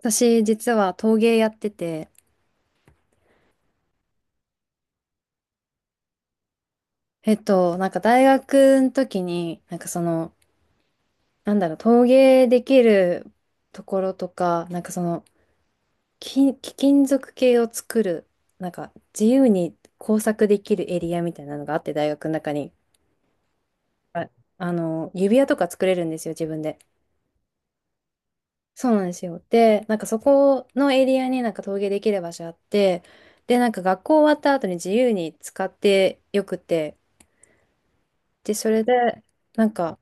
私、実は陶芸やってて、大学の時に、陶芸できるところとか、貴貴金属系を作る、なんか自由に工作できるエリアみたいなのがあって、大学の中に。あ、指輪とか作れるんですよ、自分で。そうなんですよ。で、なんかそこのエリアになんか陶芸できる場所あって、で、なんか学校終わった後に自由に使ってよくて、で、それで、なんか、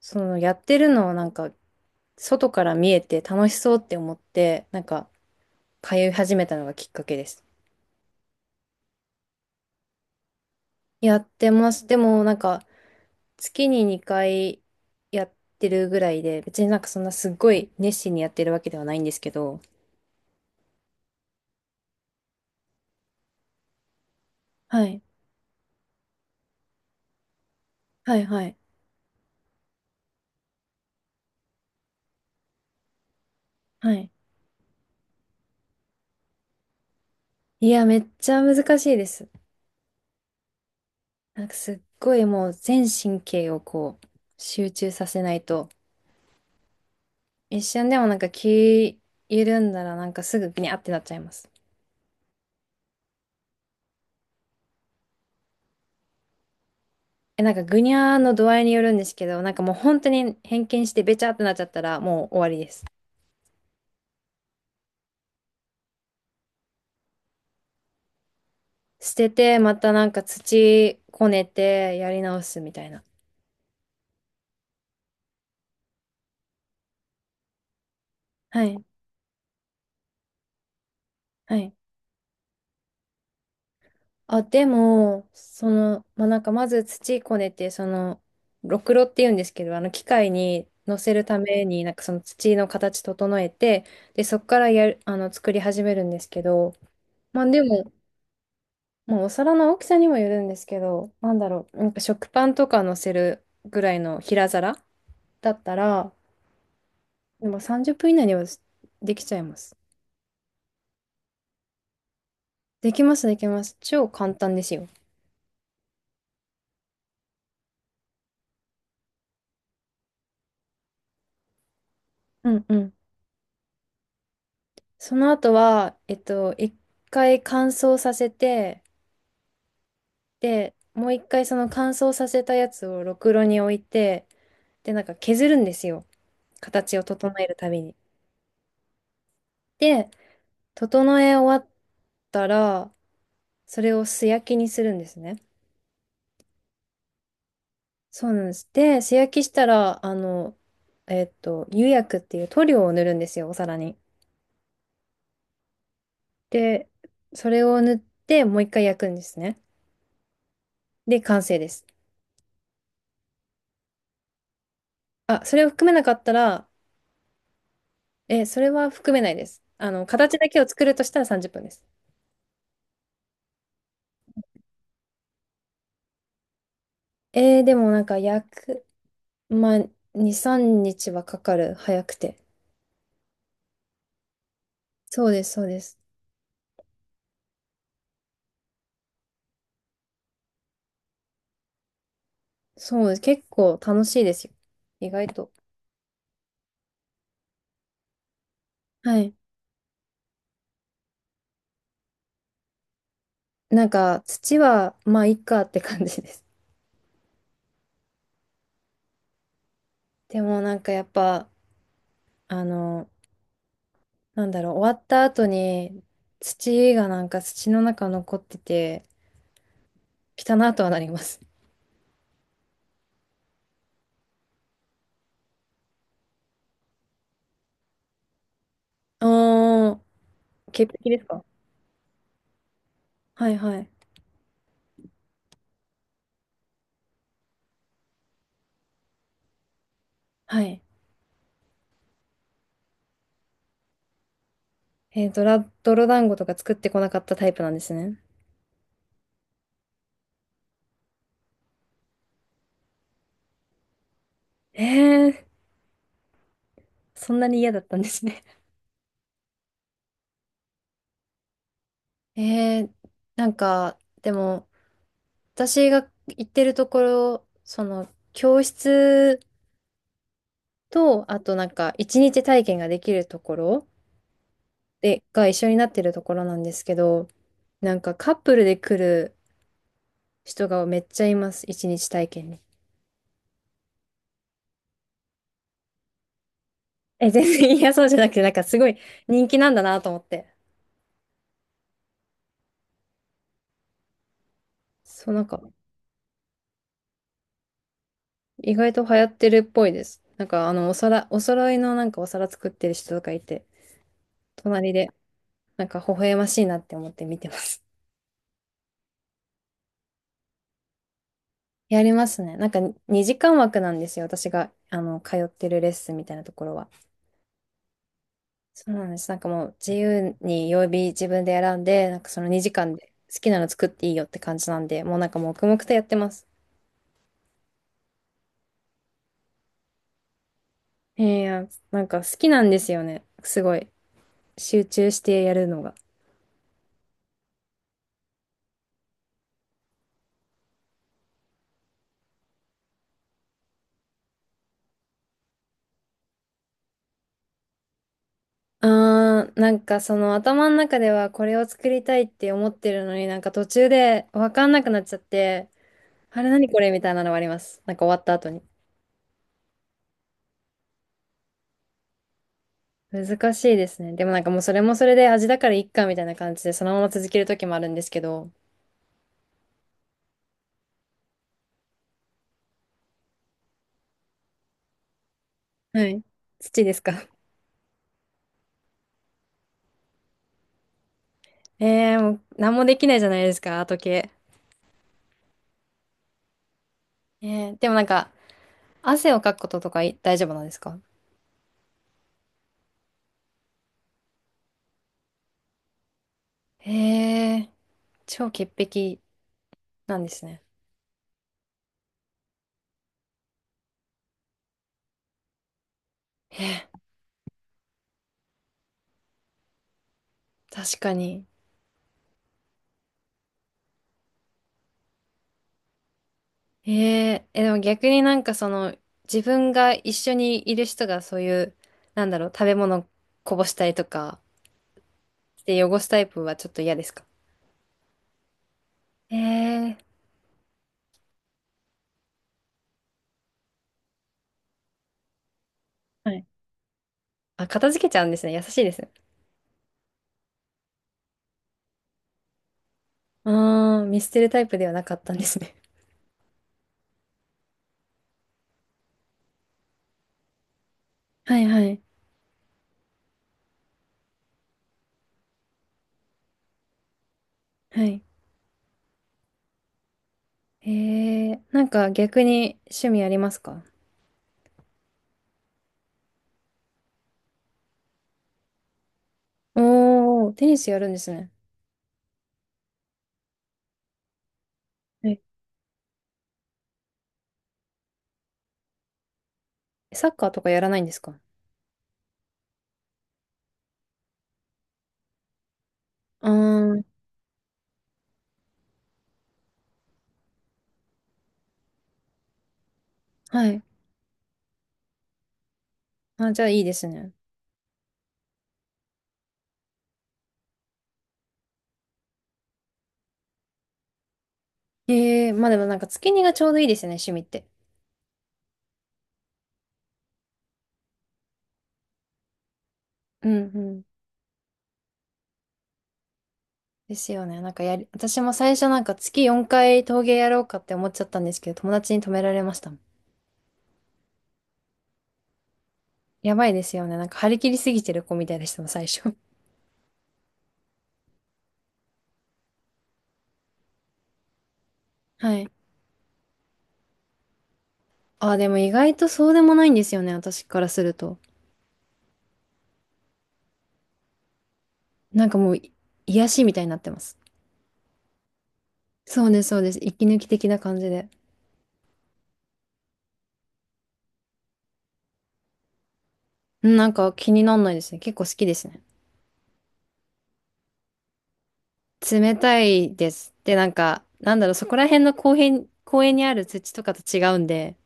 そのやってるのをなんか外から見えて楽しそうって思ってなんか通い始めたのがきっかけです。やってます。でもなんか月に2回やってるぐらいで別になんかそんなすっごい熱心にやってるわけではないんですけど。はい。はいはい。いや、めっちゃ難しいです。なんかすっごいもう全神経をこう集中させないと一瞬でもなんか気緩んだらなんかすぐギャーってなっちゃいます。え、なんか、ぐにゃーの度合いによるんですけど、なんかもう本当に偏見してべちゃってなっちゃったら、もう終わりです。捨てて、またなんか土こねて、やり直すみたいな。はい。はい。あ、でも、なんかまず土こねて、その、ろくろって言うんですけど、あの機械に乗せるために、なんかその土の形整えて、で、そこからやる、あの、作り始めるんですけど、まあでも、まあ、お皿の大きさにもよるんですけど、なんだろう、なんか食パンとか乗せるぐらいの平皿だったら、でも30分以内にはできちゃいます。できます、できます。超簡単ですよ。うんうん。その後は、一回乾燥させて、で、もう一回その乾燥させたやつをろくろに置いて、で、なんか削るんですよ。形を整えるたびに。で、整え終わったら、それを素焼きにするんですね。そうなんです。で、素焼きしたら、釉薬っていう塗料を塗るんですよ、お皿に。で、それを塗ってもう一回焼くんですね。で、完成です。あ、それを含めなかったら、え、それは含めないです。あの、形だけを作るとしたら30分です。でもなんか焼く、まあ、2、3日はかかる、早くて。そうです、そうです。そうです。結構楽しいですよ。意外と。はい。なんか、土は、まあ、いっかって感じです。でもなんかやっぱ、あの、なんだろう、終わった後に土がなんか土の中残ってて、汚なとはなります。おー、潔癖ですか？はいはい。はい。ドラ、泥団子とか作ってこなかったタイプなんですね。えー、そんなに嫌だったんですね。えー、なんか、でも、私が行ってるところ、その、教室と、あとなんか、一日体験ができるところ、で、が一緒になってるところなんですけど、なんかカップルで来る人がめっちゃいます。一日体験に。え、全然嫌そうじゃなくて、なんかすごい人気なんだなと思って。そう、なんか意外と流行ってるっぽいです。なんかあの、お皿、お揃いのなんかお皿作ってる人とかいて、隣でなんか微笑ましいなって思って見てます。やりますね。なんか2時間枠なんですよ。私があの、通ってるレッスンみたいなところは。そうなんです。なんかもう自由に曜日自分で選んで、なんかその2時間で好きなの作っていいよって感じなんで、もうなんか黙々とやってます。いやなんか好きなんですよね。すごい。集中してやるのが。あー、なんかその頭の中ではこれを作りたいって思ってるのになんか途中でわかんなくなっちゃって、あれ何これみたいなのがあります。なんか終わった後に。難しいですね。でもなんかもうそれもそれで味だからいっかみたいな感じでそのまま続ける時もあるんですけど。はい。土ですか？もう何もできないじゃないですか、時計。えー、でもなんか、汗をかくこととかい大丈夫なんですか？えー、超潔癖なんですね。えー、確かに。えでも逆になんかその、自分が一緒にいる人がそういう、なんだろう、食べ物こぼしたりとか、で汚すタイプはちょっと嫌ですか？えー、はい。あ、片付けちゃうんですね。優しいですね。あー、見捨てるタイプではなかったんですね。はいはい。はい。へえ、なんか逆に趣味ありますか？おー、テニスやるんですね。え、サッカーとかやらないんですか？あー、はい。あ、じゃあいいですね。ええ、まあでもなんか月にがちょうどいいですよね、趣味って。うんうん。ですよね。なんかやり、私も最初なんか月4回陶芸やろうかって思っちゃったんですけど、友達に止められました。やばいですよね。なんか張り切りすぎてる子みたいでしたもん、最初。はい。あ、でも意外とそうでもないんですよね、私からすると。なんかもう癒しみたいになってます。そうです、そうです。息抜き的な感じで。うんなんか気になんないですね。結構好きですね。冷たいです。で、なんか、なんだろう、そこら辺の公園、公園にある土とかと違うんで、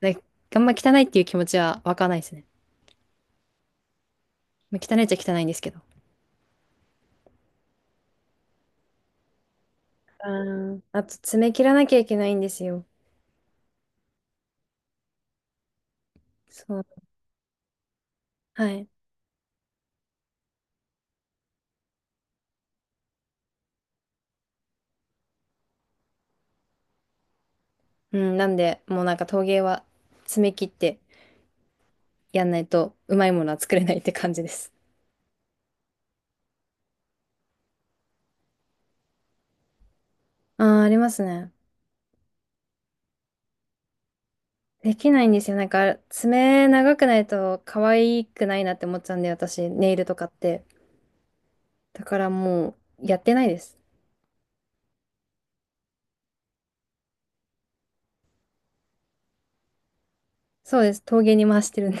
なんかあんま汚いっていう気持ちは湧かないですね。まあ汚いっちゃ汚いんですけど。あーあと、爪切らなきゃいけないんですよ。そう。はい。うん、なんで、もうなんか陶芸は爪切ってやんないとうまいものは作れないって感じです。ああ、ありますね。できないんですよ。なんか、爪長くないと可愛くないなって思っちゃうんで、私、ネイルとかって。だからもう、やってないです。そうです。陶芸に回してるんで。